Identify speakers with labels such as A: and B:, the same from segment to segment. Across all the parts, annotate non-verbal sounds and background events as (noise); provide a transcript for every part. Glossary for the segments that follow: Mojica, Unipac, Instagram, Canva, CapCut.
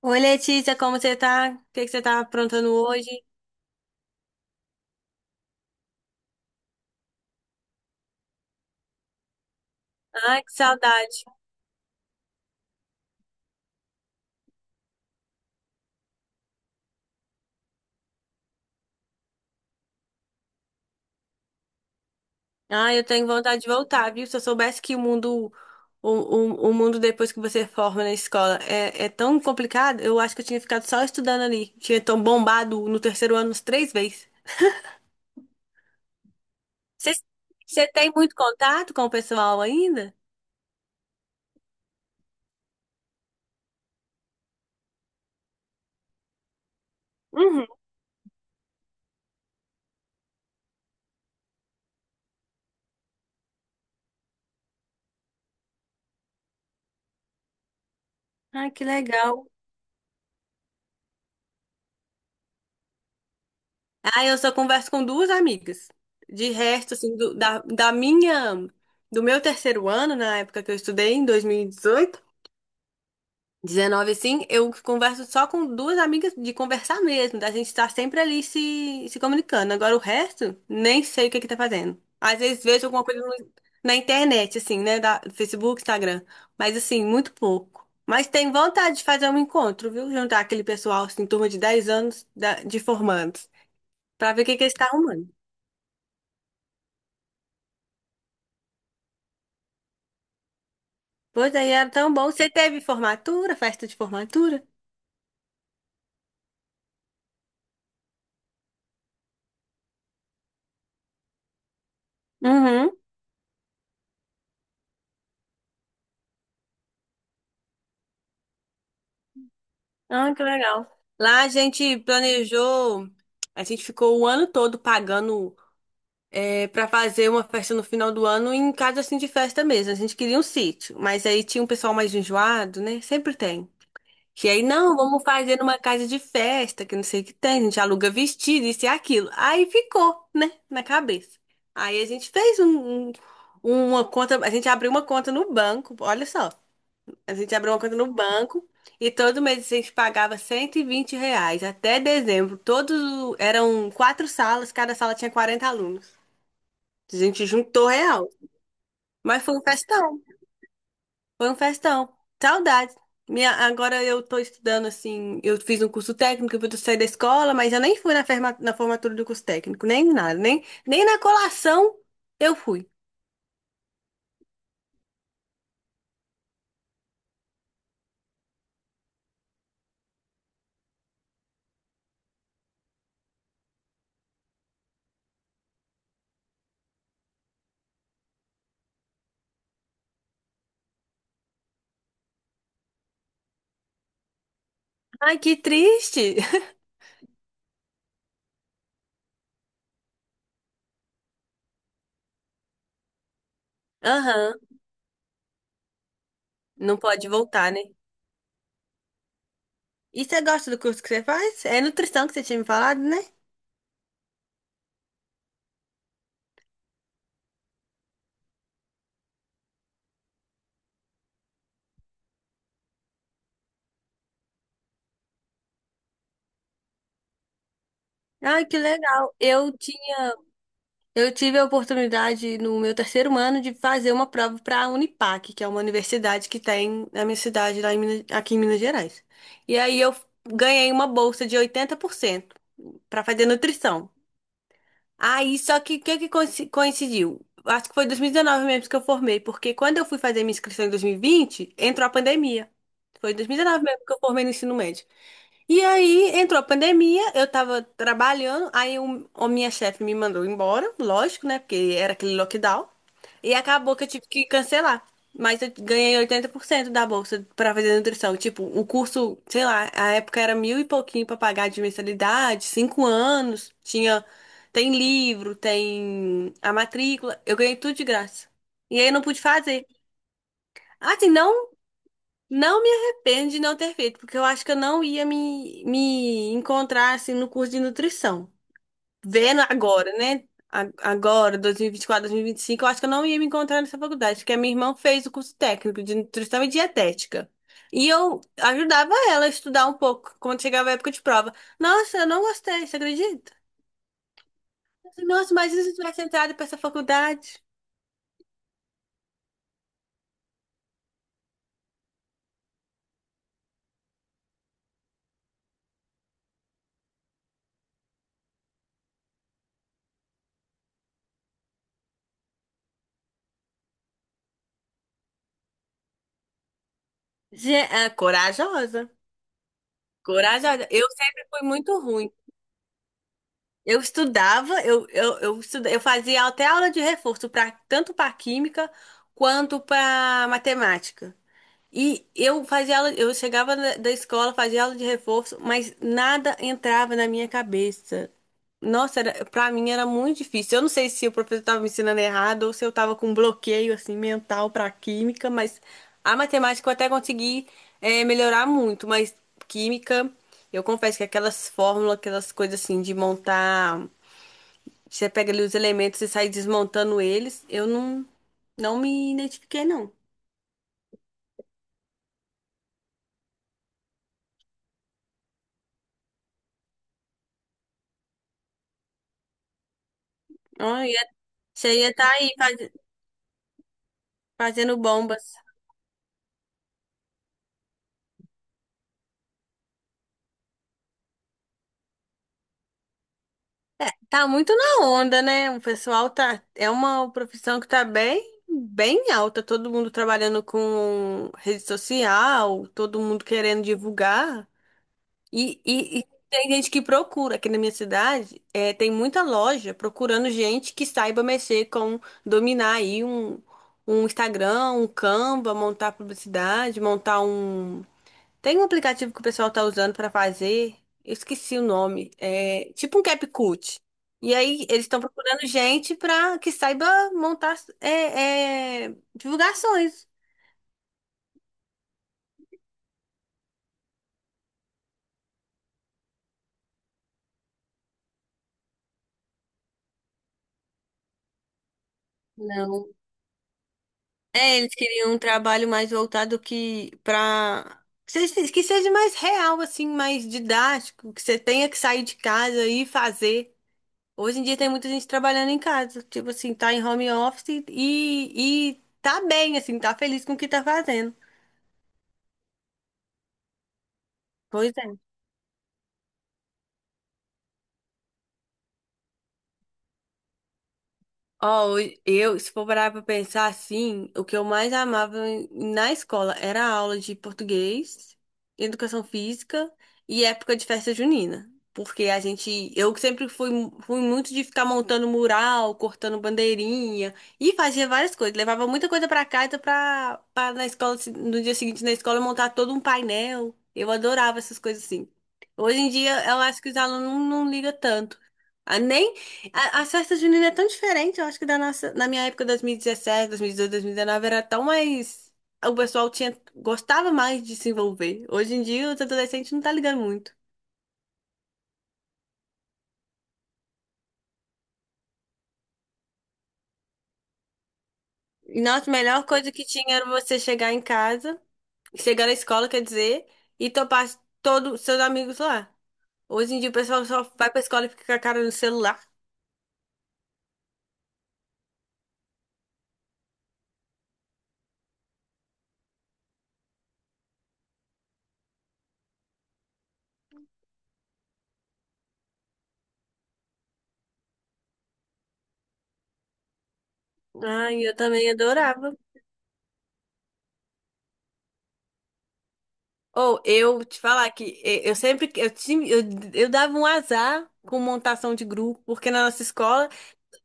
A: Oi, Letícia, como você tá? O que que você tá aprontando hoje? Ai, que saudade. Ai, eu tenho vontade de voltar, viu? Se eu soubesse que o mundo, o mundo depois que você forma na escola é tão complicado, eu acho que eu tinha ficado só estudando ali. Tinha tão bombado no terceiro ano uns três vezes. Você, você tem muito contato com o pessoal ainda? Uhum. Ai, que legal. Ah, eu só converso com duas amigas. De resto, assim, da minha, do meu terceiro ano, na época que eu estudei, em 2018, 19 assim, eu converso só com duas amigas de conversar mesmo, da gente estar sempre ali se comunicando. Agora o resto, nem sei o que que tá fazendo. Às vezes vejo alguma coisa na internet, assim, né, da Facebook, Instagram, mas assim, muito pouco. Mas tem vontade de fazer um encontro, viu? Juntar aquele pessoal, assim, turma de 10 anos de formandos, pra ver o que que eles estão arrumando. Pois aí era tão bom. Você teve formatura, festa de formatura? Uhum. Ah, que legal. Lá a gente planejou, a gente ficou o ano todo pagando para fazer uma festa no final do ano em casa assim de festa mesmo. A gente queria um sítio, mas aí tinha um pessoal mais enjoado, né? Sempre tem. Que aí, não, vamos fazer numa casa de festa, que não sei o que tem, a gente aluga vestido, isso e aquilo. Aí ficou, né, na cabeça. Aí a gente fez uma conta, a gente abriu uma conta no banco, olha só. A gente abriu uma conta no banco e todo mês a gente pagava R$ 120 até dezembro. Todos eram quatro salas, cada sala tinha 40 alunos. A gente juntou real. Mas foi um festão, foi um festão. Saudade. Minha, agora eu tô estudando assim, eu fiz um curso técnico, eu vou sair da escola, mas eu nem fui na formatura do curso técnico, nem nada, nem na colação eu fui. Ai, que triste! (laughs) Aham, não pode voltar, né? E você gosta do curso que você faz? É nutrição que você tinha me falado, né? Ai, que legal. Eu tive a oportunidade no meu terceiro ano de fazer uma prova para a Unipac, que é uma universidade que tem na minha cidade, aqui em Minas Gerais. E aí eu ganhei uma bolsa de 80% para fazer nutrição. Aí, só que o que que coincidiu? Acho que foi 2019 mesmo que eu formei, porque quando eu fui fazer minha inscrição em 2020 entrou a pandemia. Foi em 2019 mesmo que eu formei no ensino médio. E aí entrou a pandemia, eu tava trabalhando, aí a minha chefe me mandou embora, lógico, né? Porque era aquele lockdown. E acabou que eu tive que cancelar. Mas eu ganhei 80% da bolsa pra fazer nutrição. Tipo, o curso, sei lá, a época era mil e pouquinho pra pagar de mensalidade, 5 anos, tem livro, tem a matrícula, eu ganhei tudo de graça. E aí eu não pude fazer. Ah, assim, não me arrependo de não ter feito, porque eu acho que eu não ia me encontrar assim no curso de nutrição. Vendo agora, né? Agora, 2024, 2025, eu acho que eu não ia me encontrar nessa faculdade, porque a minha irmã fez o curso técnico de nutrição e dietética. E eu ajudava ela a estudar um pouco quando chegava a época de prova. Nossa, eu não gostei, você acredita? Nossa, mas e se eu tivesse entrado para essa faculdade? É, corajosa. Corajosa. Eu sempre fui muito ruim. Eu estudava, eu fazia até aula de reforço, tanto para química quanto para matemática. E eu fazia aula, eu chegava da escola, fazia aula de reforço, mas nada entrava na minha cabeça. Nossa, para mim era muito difícil. Eu não sei se o professor estava me ensinando errado ou se eu estava com um bloqueio assim mental para química, mas a matemática eu até consegui melhorar muito, mas química, eu confesso que aquelas fórmulas, aquelas coisas assim de montar, você pega ali os elementos e sai desmontando eles, eu não me identifiquei não. Ah, e você ia estar aí fazendo bombas. Tá muito na onda, né? O pessoal tá. É uma profissão que tá bem, bem alta. Todo mundo trabalhando com rede social, todo mundo querendo divulgar. E tem gente que procura. Aqui na minha cidade, tem muita loja procurando gente que saiba mexer dominar aí um, Instagram, um Canva, montar publicidade, montar um. Tem um aplicativo que o pessoal tá usando pra fazer, eu esqueci o nome, é tipo um CapCut. E aí eles estão procurando gente pra que saiba montar divulgações. Não. É, eles queriam um trabalho mais voltado que para que seja mais real, assim, mais didático, que você tenha que sair de casa e fazer. Hoje em dia tem muita gente trabalhando em casa, tipo assim, tá em home office e tá bem, assim, tá feliz com o que tá fazendo. Pois é. Ó, eu, se for parar pra pensar assim, o que eu mais amava na escola era a aula de português, educação física e época de festa junina. Porque eu sempre fui muito de ficar montando mural, cortando bandeirinha e fazia várias coisas. Levava muita coisa pra casa pra na escola, no dia seguinte na escola montar todo um painel. Eu adorava essas coisas assim. Hoje em dia, eu acho que os alunos não ligam tanto. Ah, nem as festas juninas é tão diferente, eu acho que da nossa, na minha época, dois mil dezessete mil e 2019, era tão mais. O pessoal gostava mais de se envolver. Hoje em dia, os adolescentes não tá ligando muito. E nossa, a melhor coisa que tinha era você chegar em casa, chegar na escola, quer dizer, e topar todos seus amigos lá. Hoje em dia, o pessoal só vai pra escola e fica com a cara no celular. Ai, eu também adorava. Ou eu te falar que e- eu sempre eu, tinha- eu dava um azar com montação de grupo, porque na nossa escola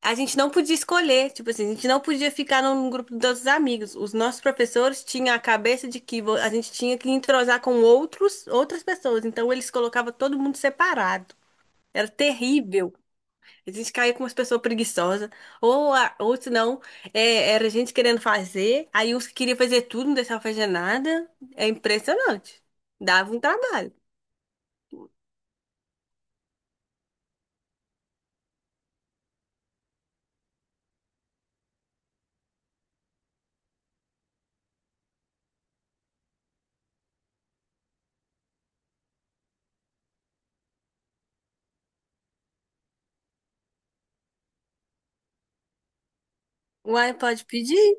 A: a gente não podia escolher, tipo assim, a gente não podia ficar num grupo dos amigos. Os nossos professores tinham a cabeça de que a gente tinha que entrosar com outras pessoas, então eles colocavam todo mundo separado. Era terrível. A gente caía com umas pessoas preguiçosas, ou se não, era gente querendo fazer, aí uns que queriam fazer tudo, não deixavam fazer nada. É impressionante. Dava um trabalho. Uai, pode pedir.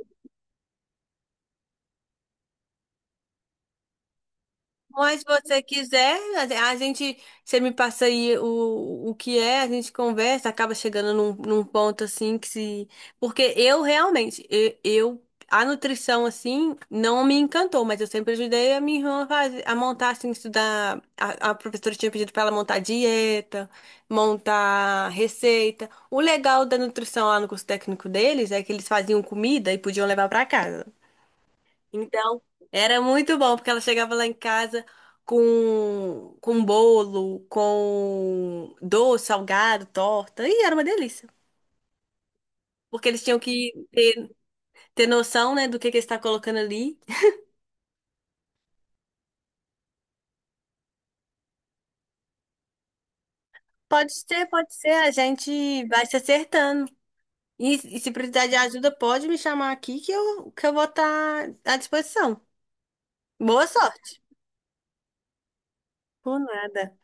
A: Mas se você quiser, a gente, você me passa aí o que é, a gente conversa, acaba chegando num ponto assim que se. Porque eu realmente, a nutrição assim não me encantou, mas eu sempre ajudei a minha irmã a montar, assim, estudar. A professora tinha pedido pra ela montar dieta, montar receita. O legal da nutrição lá no curso técnico deles é que eles faziam comida e podiam levar pra casa. Então, era muito bom, porque ela chegava lá em casa com bolo, com doce, salgado, torta, e era uma delícia. Porque eles tinham que ter noção, né, do que está colocando ali. Pode ser, a gente vai se acertando. E se precisar de ajuda, pode me chamar aqui que eu vou estar à disposição. Boa sorte. Por nada.